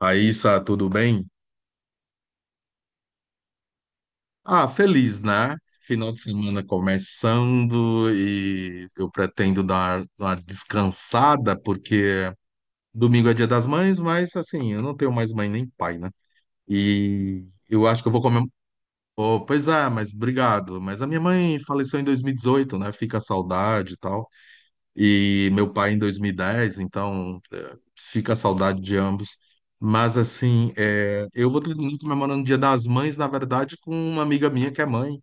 Raíssa, tudo bem? Ah, feliz, né? Final de semana começando e eu pretendo dar uma descansada, porque domingo é dia das mães, mas assim, eu não tenho mais mãe nem pai, né? E eu acho que eu vou comer. Oh, pois é, mas obrigado. Mas a minha mãe faleceu em 2018, né? Fica a saudade e tal. E meu pai em 2010, então fica a saudade de ambos. Mas assim, eu vou terminar comemorando o Dia das Mães, na verdade, com uma amiga minha que é mãe.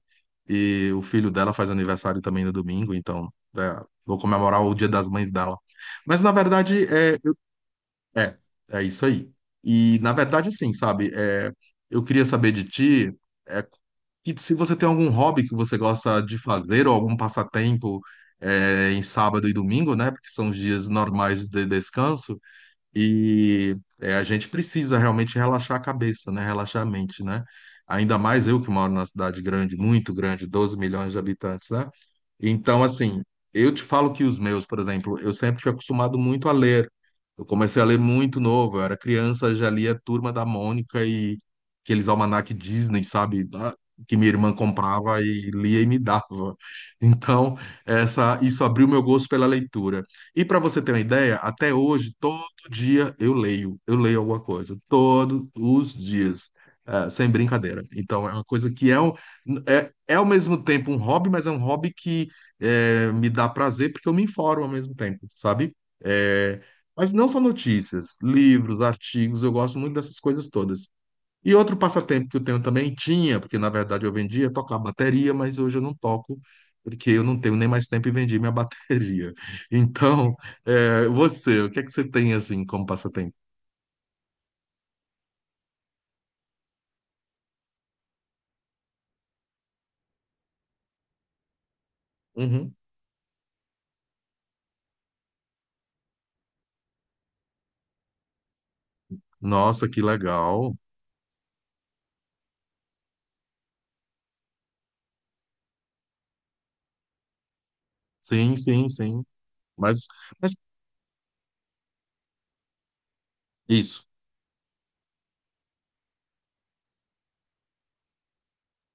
E o filho dela faz aniversário também no domingo, então eh, vou comemorar o Dia das Mães dela. Mas na verdade, é, é isso aí. E, na verdade, assim, sabe, é, eu queria saber de ti, é, que se você tem algum hobby que você gosta de fazer, ou algum passatempo, é, em sábado e domingo, né, porque são os dias normais de descanso, e é, a gente precisa realmente relaxar a cabeça, né? Relaxar a mente, né? Ainda mais eu que moro numa cidade grande, muito grande, 12 milhões de habitantes, né? Então, assim, eu te falo que os meus, por exemplo, eu sempre fui acostumado muito a ler. Eu comecei a ler muito novo, eu era criança, já lia Turma da Mônica e aqueles almanac Disney, sabe? Que minha irmã comprava e lia e me dava. Então, isso abriu meu gosto pela leitura. E para você ter uma ideia, até hoje, dia eu leio alguma coisa, todos os dias, sem brincadeira. Então, é uma coisa que é, um, é, é ao mesmo tempo um hobby, mas é um hobby que me dá prazer porque eu me informo ao mesmo tempo, sabe? Eh, mas não só notícias, livros, artigos, eu gosto muito dessas coisas todas. E outro passatempo que eu tenho também tinha, porque na verdade eu vendia, tocar bateria, mas hoje eu não toco, porque eu não tenho nem mais tempo e vendi minha bateria. Então, é, você, o que é que você tem assim como passatempo? Uhum. Nossa, que legal. Sim, sim, sim. Mas, mas isso.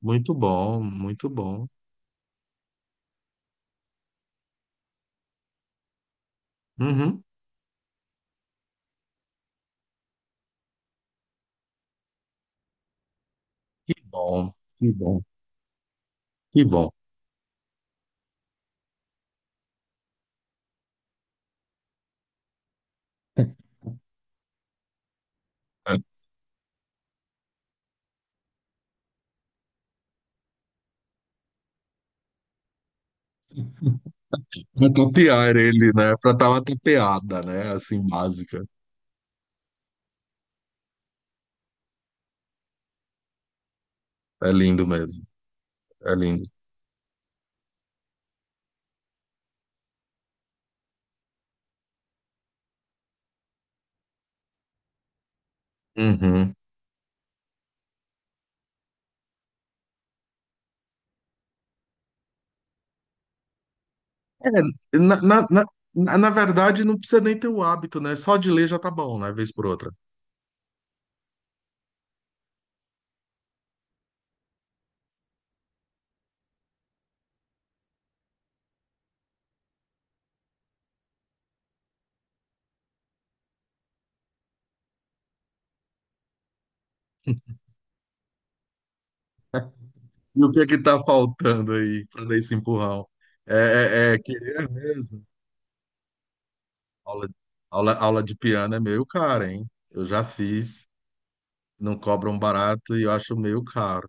Muito bom, muito bom. Uhum. Que bom, que bom, que bom. É, pra tapear ele, né? Pra dar uma tapeada, né? Assim, básica. É lindo mesmo. É lindo. Uhum. É, na, na, na, na verdade, não precisa nem ter o hábito, né? Só de ler já tá bom, né? Vez por outra. E o que é que tá faltando aí para dar esse empurrão? É, é, é querer mesmo. Aula, aula de piano é meio cara, hein? Eu já fiz, não cobram barato e eu acho meio caro.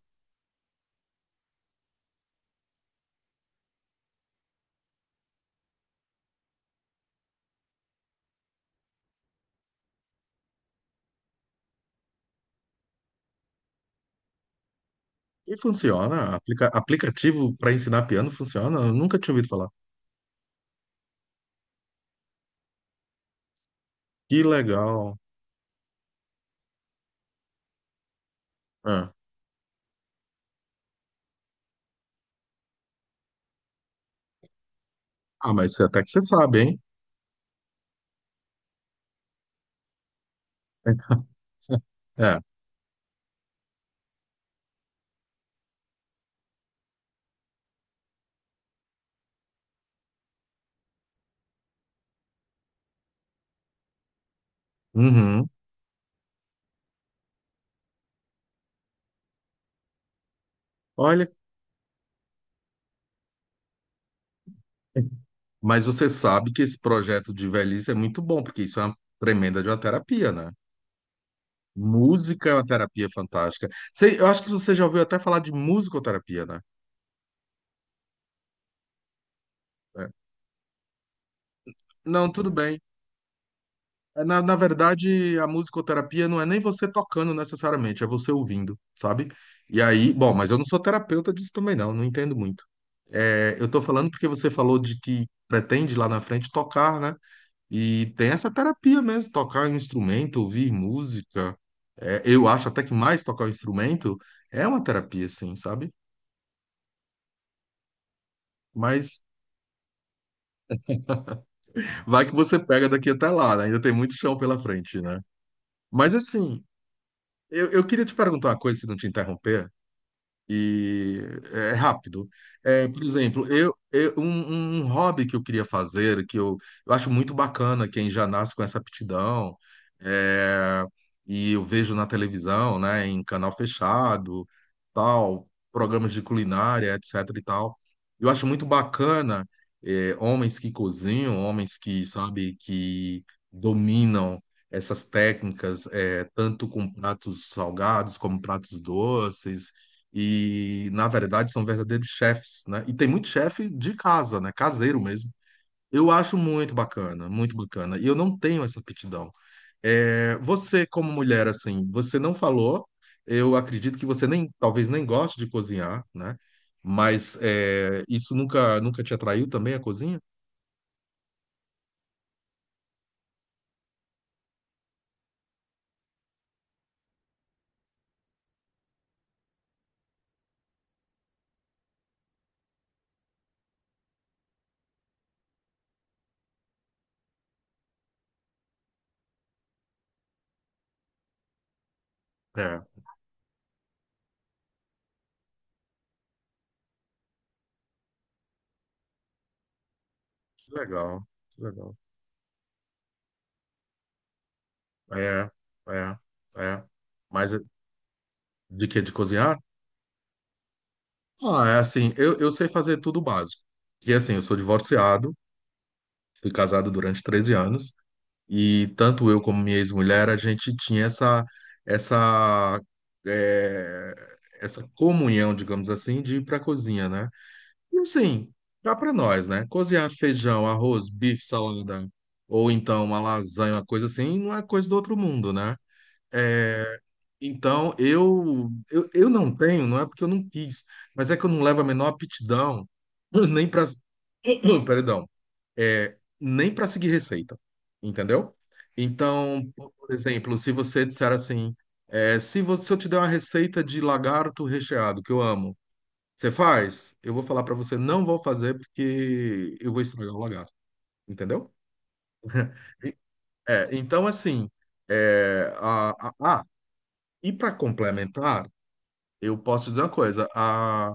E funciona? Aplicativo para ensinar piano funciona? Eu nunca tinha ouvido falar. Que legal. Ah, Ah, mas até que você sabe, hein? É. Uhum. Olha. Mas você sabe que esse projeto de velhice é muito bom, porque isso é uma tremenda de uma terapia, né? Música é uma terapia fantástica. Você- eu acho que você já ouviu até falar de musicoterapia, né? É. Não, tudo bem. É, na verdade, a musicoterapia não é nem você tocando necessariamente, é você ouvindo, sabe? E aí, bom, mas eu não sou terapeuta disso também, não, não entendo muito. É, eu tô falando porque você falou de que pretende lá na frente tocar, né? E tem essa terapia mesmo, tocar um instrumento, ouvir música. É, eu acho até que mais tocar o instrumento é uma terapia, assim, sabe? Mas vai que você pega daqui até lá, né? Ainda tem muito chão pela frente, né? Mas assim, eu queria te perguntar uma coisa, se não te interromper. E é é rápido. É, por exemplo, um, um hobby que eu queria fazer, que eu acho muito bacana quem já nasce com essa aptidão, é, e eu vejo na televisão, né, em canal fechado, tal, programas de culinária, etc e tal. Eu acho muito bacana, é, homens que cozinham, homens que, sabe, que dominam essas técnicas, é, tanto com pratos salgados como pratos doces, e na verdade são verdadeiros chefes, né? E tem muito chefe de casa, né? Caseiro mesmo. Eu acho muito bacana, muito bacana. E eu não tenho essa aptidão. É, você, como mulher, assim, você não falou. Eu acredito que você nem, talvez nem goste de cozinhar, né? Mas é, isso nunca, nunca te atraiu também a cozinha? É, que legal, que legal. É, é, é. Mas é, de que de cozinhar? Ah, é assim, eu sei fazer tudo básico. Que assim, eu sou divorciado, fui casado durante 13 anos e tanto eu como minha ex-mulher, a gente tinha essa, essa, eh, essa comunhão, digamos assim, de ir para a cozinha, né? E assim, dá para nós, né? Cozinhar feijão, arroz, bife, salada, ou então uma lasanha, uma coisa assim, não é coisa do outro mundo, né? Eh, então, eu não tenho, não é porque eu não quis, mas é que eu não levo a menor aptidão, nem para... Perdão, é, nem para seguir receita, entendeu? Então, por exemplo, se você disser assim, é, se você, se eu te der uma receita de lagarto recheado, que eu amo, você faz? Eu vou falar para você, não vou fazer porque eu vou estragar o lagarto, entendeu? E- é, então, assim, é, a- ah, e para complementar, eu posso dizer uma coisa. A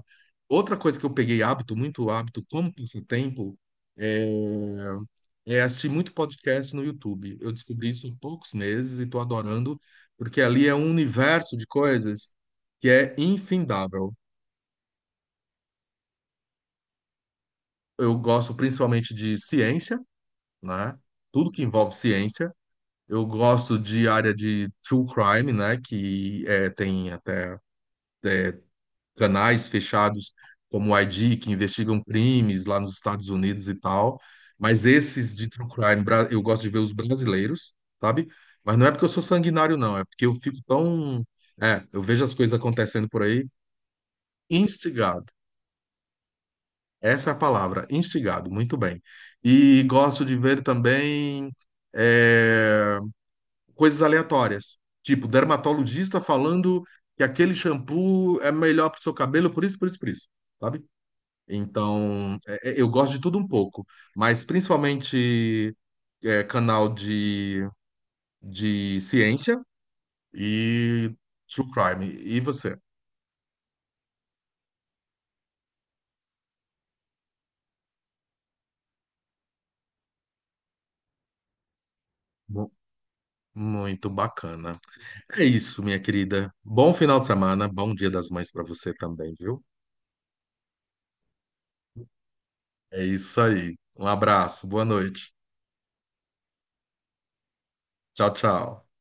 outra coisa que eu peguei hábito, muito hábito, como passatempo, é, é assistir muito podcast no YouTube. Eu descobri isso em poucos meses e estou adorando, porque ali é um universo de coisas que é infindável. Eu gosto principalmente de ciência, né? Tudo que envolve ciência. Eu gosto de área de true crime, né? Que é, tem até é, canais fechados como o ID, que investigam crimes lá nos Estados Unidos e tal. Mas esses de true crime, eu gosto de ver os brasileiros, sabe? Mas não é porque eu sou sanguinário, não. É porque eu fico tão. É, eu vejo as coisas acontecendo por aí, instigado. Essa é a palavra, instigado. Muito bem. E gosto de ver também é, coisas aleatórias. Tipo, dermatologista falando que aquele shampoo é melhor para o seu cabelo, por isso, por isso, por isso. Sabe? Então, eu gosto de tudo um pouco, mas principalmente é, canal de ciência e true crime. E você? Mu- muito bacana. É isso, minha querida. Bom final de semana, bom Dia das Mães para você também, viu? É isso aí. Um abraço, boa noite. Tchau, tchau.